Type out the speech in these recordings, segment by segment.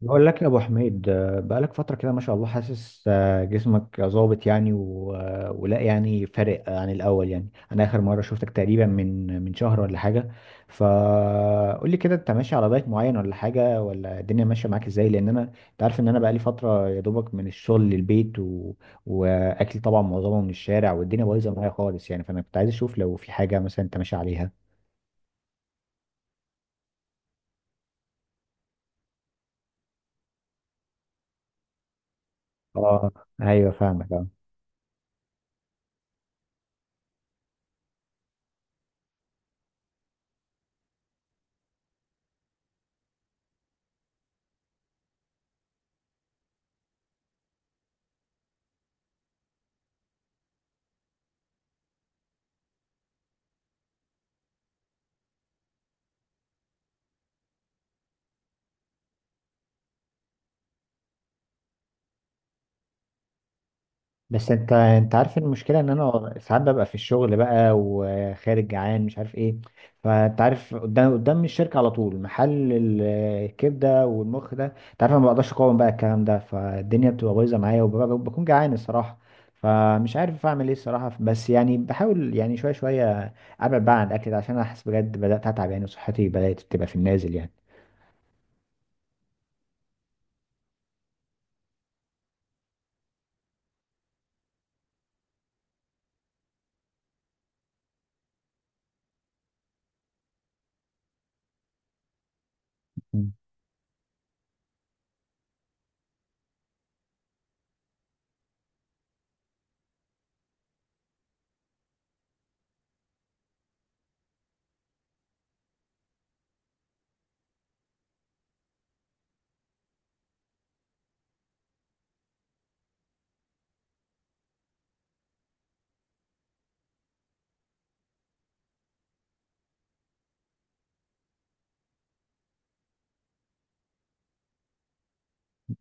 بقول لك يا ابو حميد، بقالك فتره كده ما شاء الله. حاسس جسمك ظابط يعني، ولا يعني فارق عن الاول؟ يعني انا اخر مره شفتك تقريبا من شهر ولا حاجه. فقول لي كده، انت ماشي على دايت معين ولا حاجه، ولا الدنيا ماشيه معاك ازاي؟ لان انت عارف ان انا بقالي فتره يا دوبك من الشغل للبيت واكل طبعا معظمه من الشارع والدنيا بايظه معايا خالص يعني، فانا كنت عايز اشوف لو في حاجه مثلا انت ماشي عليها. اه، ايوه فاهمك. بس انت عارف المشكله ان انا ساعات ببقى في الشغل بقى وخارج جعان مش عارف ايه. فانت عارف قدام الشركه على طول محل الكبده والمخ ده. انت عارف انا ما بقدرش اقاوم بقى الكلام ده، فالدنيا بتبقى بايظه معايا وبكون جعان الصراحه. فمش عارف اعمل ايه الصراحه، بس يعني بحاول يعني شويه شويه ابعد بقى عن الاكل ده، عشان انا حاسس بجد بدات اتعب يعني، وصحتي بدات تبقى في النازل يعني.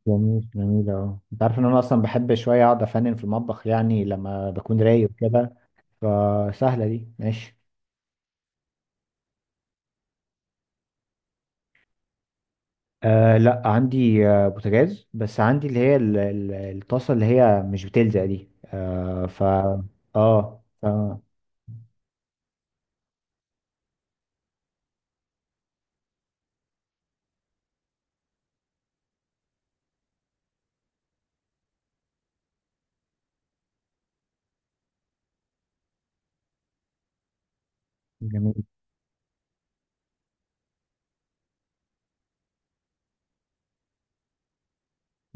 جميل جميل. اه، انت عارف ان انا اصلا بحب شويه اقعد افنن في المطبخ يعني لما بكون رايق وكده. فسهلة دي ماشي. آه لا، عندي بوتاجاز بس، عندي اللي هي الطاسة اللي هي مش بتلزق دي اه ف... جميل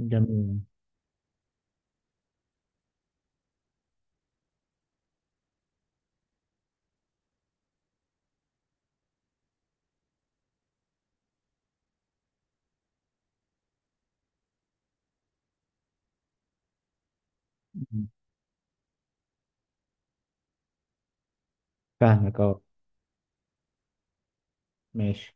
جميل. فاهمك اه. ماشي.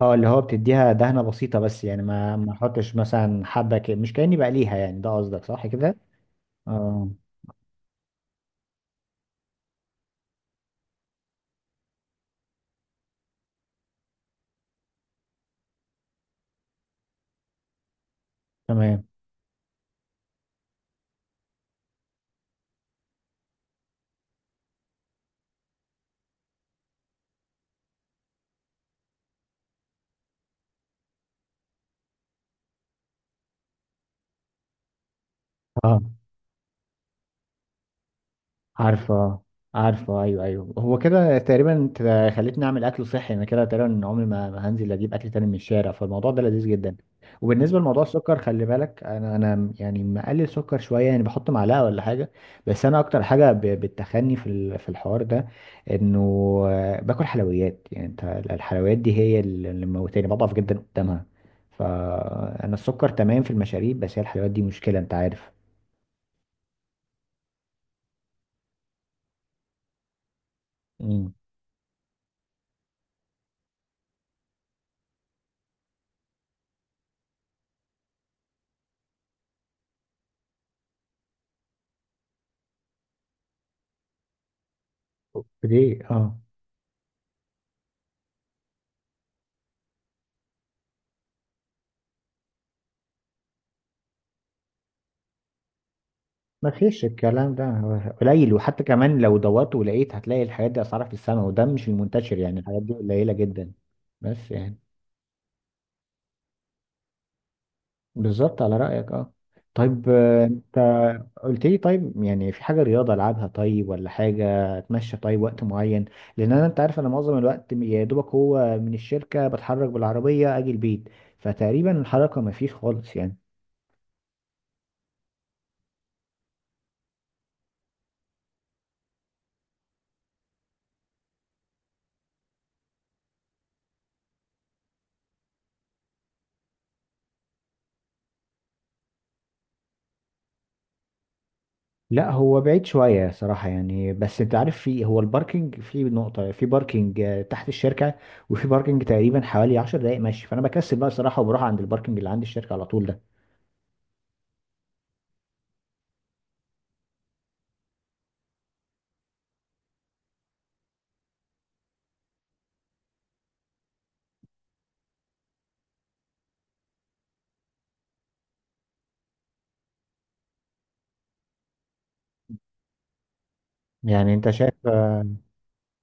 اه، اللي هو بتديها دهنة بسيطة بس، يعني ما احطش مثلا حبة مش كأني بقليها يعني، ده قصدك صح كده؟ اه. تمام. اه. عارفة. عارفة، أيوه أيوه، هو كده تقريبا. انت خليتني أعمل أكل صحي أنا، كده تقريبا عمري ما هنزل أجيب أكل تاني من الشارع، فالموضوع ده لذيذ جدا. وبالنسبة لموضوع السكر، خلي بالك أنا يعني مقلل سكر شوية، يعني بحط معلقة ولا حاجة. بس أنا أكتر حاجة بتخني في في الحوار ده، إنه باكل حلويات. يعني أنت، الحلويات دي هي اللي موتاني بضعف جدا قدامها. فأنا السكر تمام في المشاريب، بس هي الحلويات دي مشكلة أنت عارف. امم. ليه؟ اه. ما فيش الكلام ده هو قليل، وحتى كمان لو دورت ولقيت هتلاقي الحاجات دي اسعارها في السماء، وده مش المنتشر يعني، الحاجات دي قليلة جدا. بس يعني. بالظبط على رأيك اه. طيب، انت قلت لي طيب، يعني في حاجة رياضة العبها طيب ولا حاجة؟ اتمشى طيب وقت معين؟ لان انت عارف انا معظم الوقت يا دوبك هو من الشركة بتحرك بالعربية اجي البيت، فتقريبا الحركة ما فيش خالص يعني. لا هو بعيد شوية صراحة يعني، بس انت عارف، في هو الباركينج، في نقطة في باركينج تحت الشركة، وفي باركينج تقريبا حوالي عشر دقايق ماشي، فانا بكسل بقى صراحة وبروح عند الباركينج اللي عند الشركة على طول ده. يعني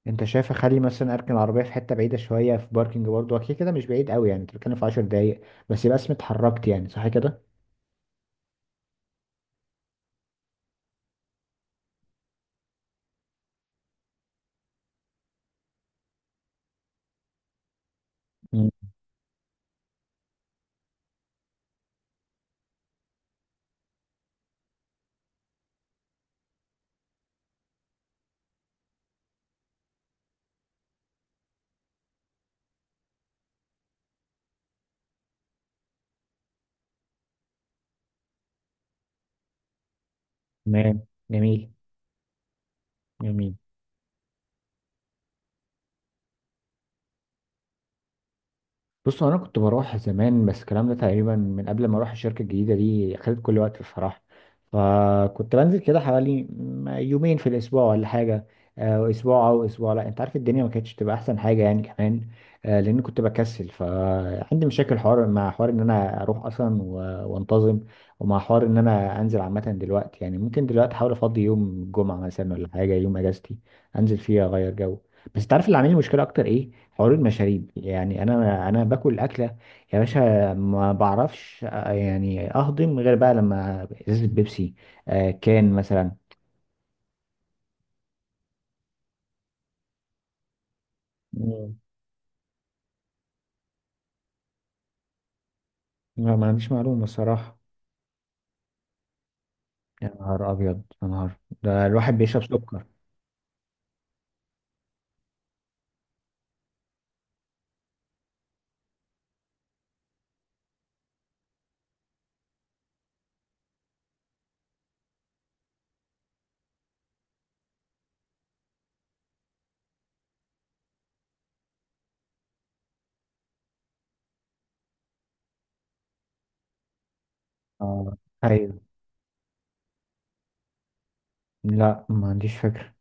انت شايف اخلي مثلا اركن العربية في حتة بعيدة شوية في باركينج برضه، اكيد كده مش بعيد قوي يعني، انت بتتكلم في عشر دقايق، بس يبقى اسمي اتحركت يعني، صح كده؟ مم، تمام جميل. جميل. بص انا كنت بروح زمان، بس الكلام ده تقريبا من قبل ما اروح الشركه الجديده دي خدت كل وقت بصراحه، فكنت بنزل كده حوالي يومين في الاسبوع ولا حاجه، اسبوع او اسبوع لا، انت عارف الدنيا ما كانتش تبقى احسن حاجه يعني كمان، لان كنت بكسل، فعندي مشاكل، حوار مع حوار ان انا اروح اصلا وانتظم، ومع حوار ان انا انزل عامه. دلوقتي يعني ممكن دلوقتي احاول افضي يوم جمعه مثلا ولا حاجه يوم اجازتي، انزل فيه اغير جو. بس تعرف اللي عامل لي مشكله اكتر ايه؟ حوار المشاريب، يعني انا باكل الاكله يا باشا، ما بعرفش يعني اهضم غير بقى لما ازازه بيبسي، كان مثلا. مم. لا ما عنديش معلومه الصراحه. يا نهار ابيض يا نهار، ده الواحد بيشرب سكر. آه. ايوه. لا ما عنديش فكره.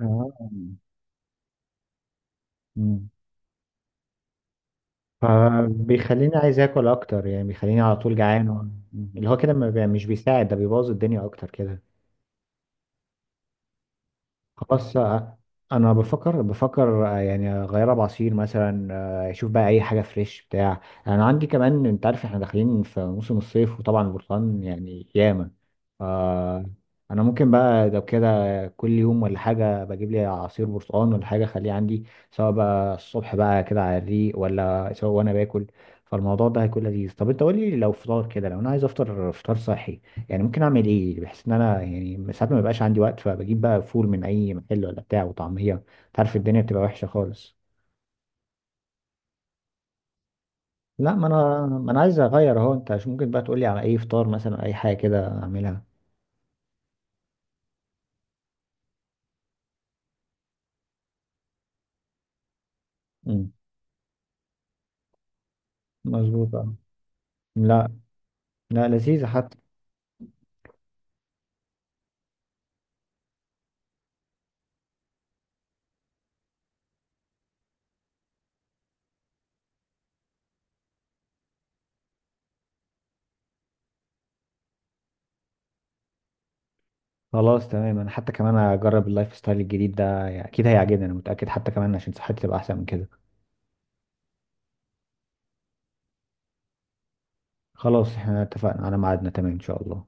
آه. مم. فبيخليني عايز اكل اكتر، يعني بيخليني على طول جعان اللي هو كده ما بي- مش بيساعد، ده بيبوظ الدنيا اكتر كده. خلاص، انا بفكر يعني اغيرها بعصير مثلا، اشوف بقى اي حاجه فريش بتاع. انا عندي كمان، انت عارف احنا داخلين في موسم الصيف وطبعا البرتقال يعني ياما. آه، انا ممكن بقى لو كده كل يوم ولا حاجه بجيب لي عصير برتقال ولا حاجه اخليه عندي، سواء بقى الصبح بقى كده على الريق، ولا سواء وانا باكل، فالموضوع ده هيكون لذيذ. طب انت قول لي لو فطار كده، لو انا عايز افطر فطار صحي، يعني ممكن اعمل ايه؟ بحيث ان انا يعني ساعات ما بيبقاش عندي وقت، فبجيب بقى فول من اي محل ولا بتاع وطعميه، انت عارف الدنيا بتبقى وحشه خالص. لا ما انا عايز اغير اهو، انت عشان ممكن بقى تقولي على اي فطار مثلا، اي حاجه كده اعملها. امم. مظبوط اه. لا. لا لذيذه حتى. خلاص تمام، انا حتى كمان اجرب اللايف ستايل الجديد ده، يعني اكيد هيعجبني انا متاكد، حتى كمان عشان صحتي تبقى احسن من كده. خلاص احنا اتفقنا على ميعادنا، تمام ان شاء الله.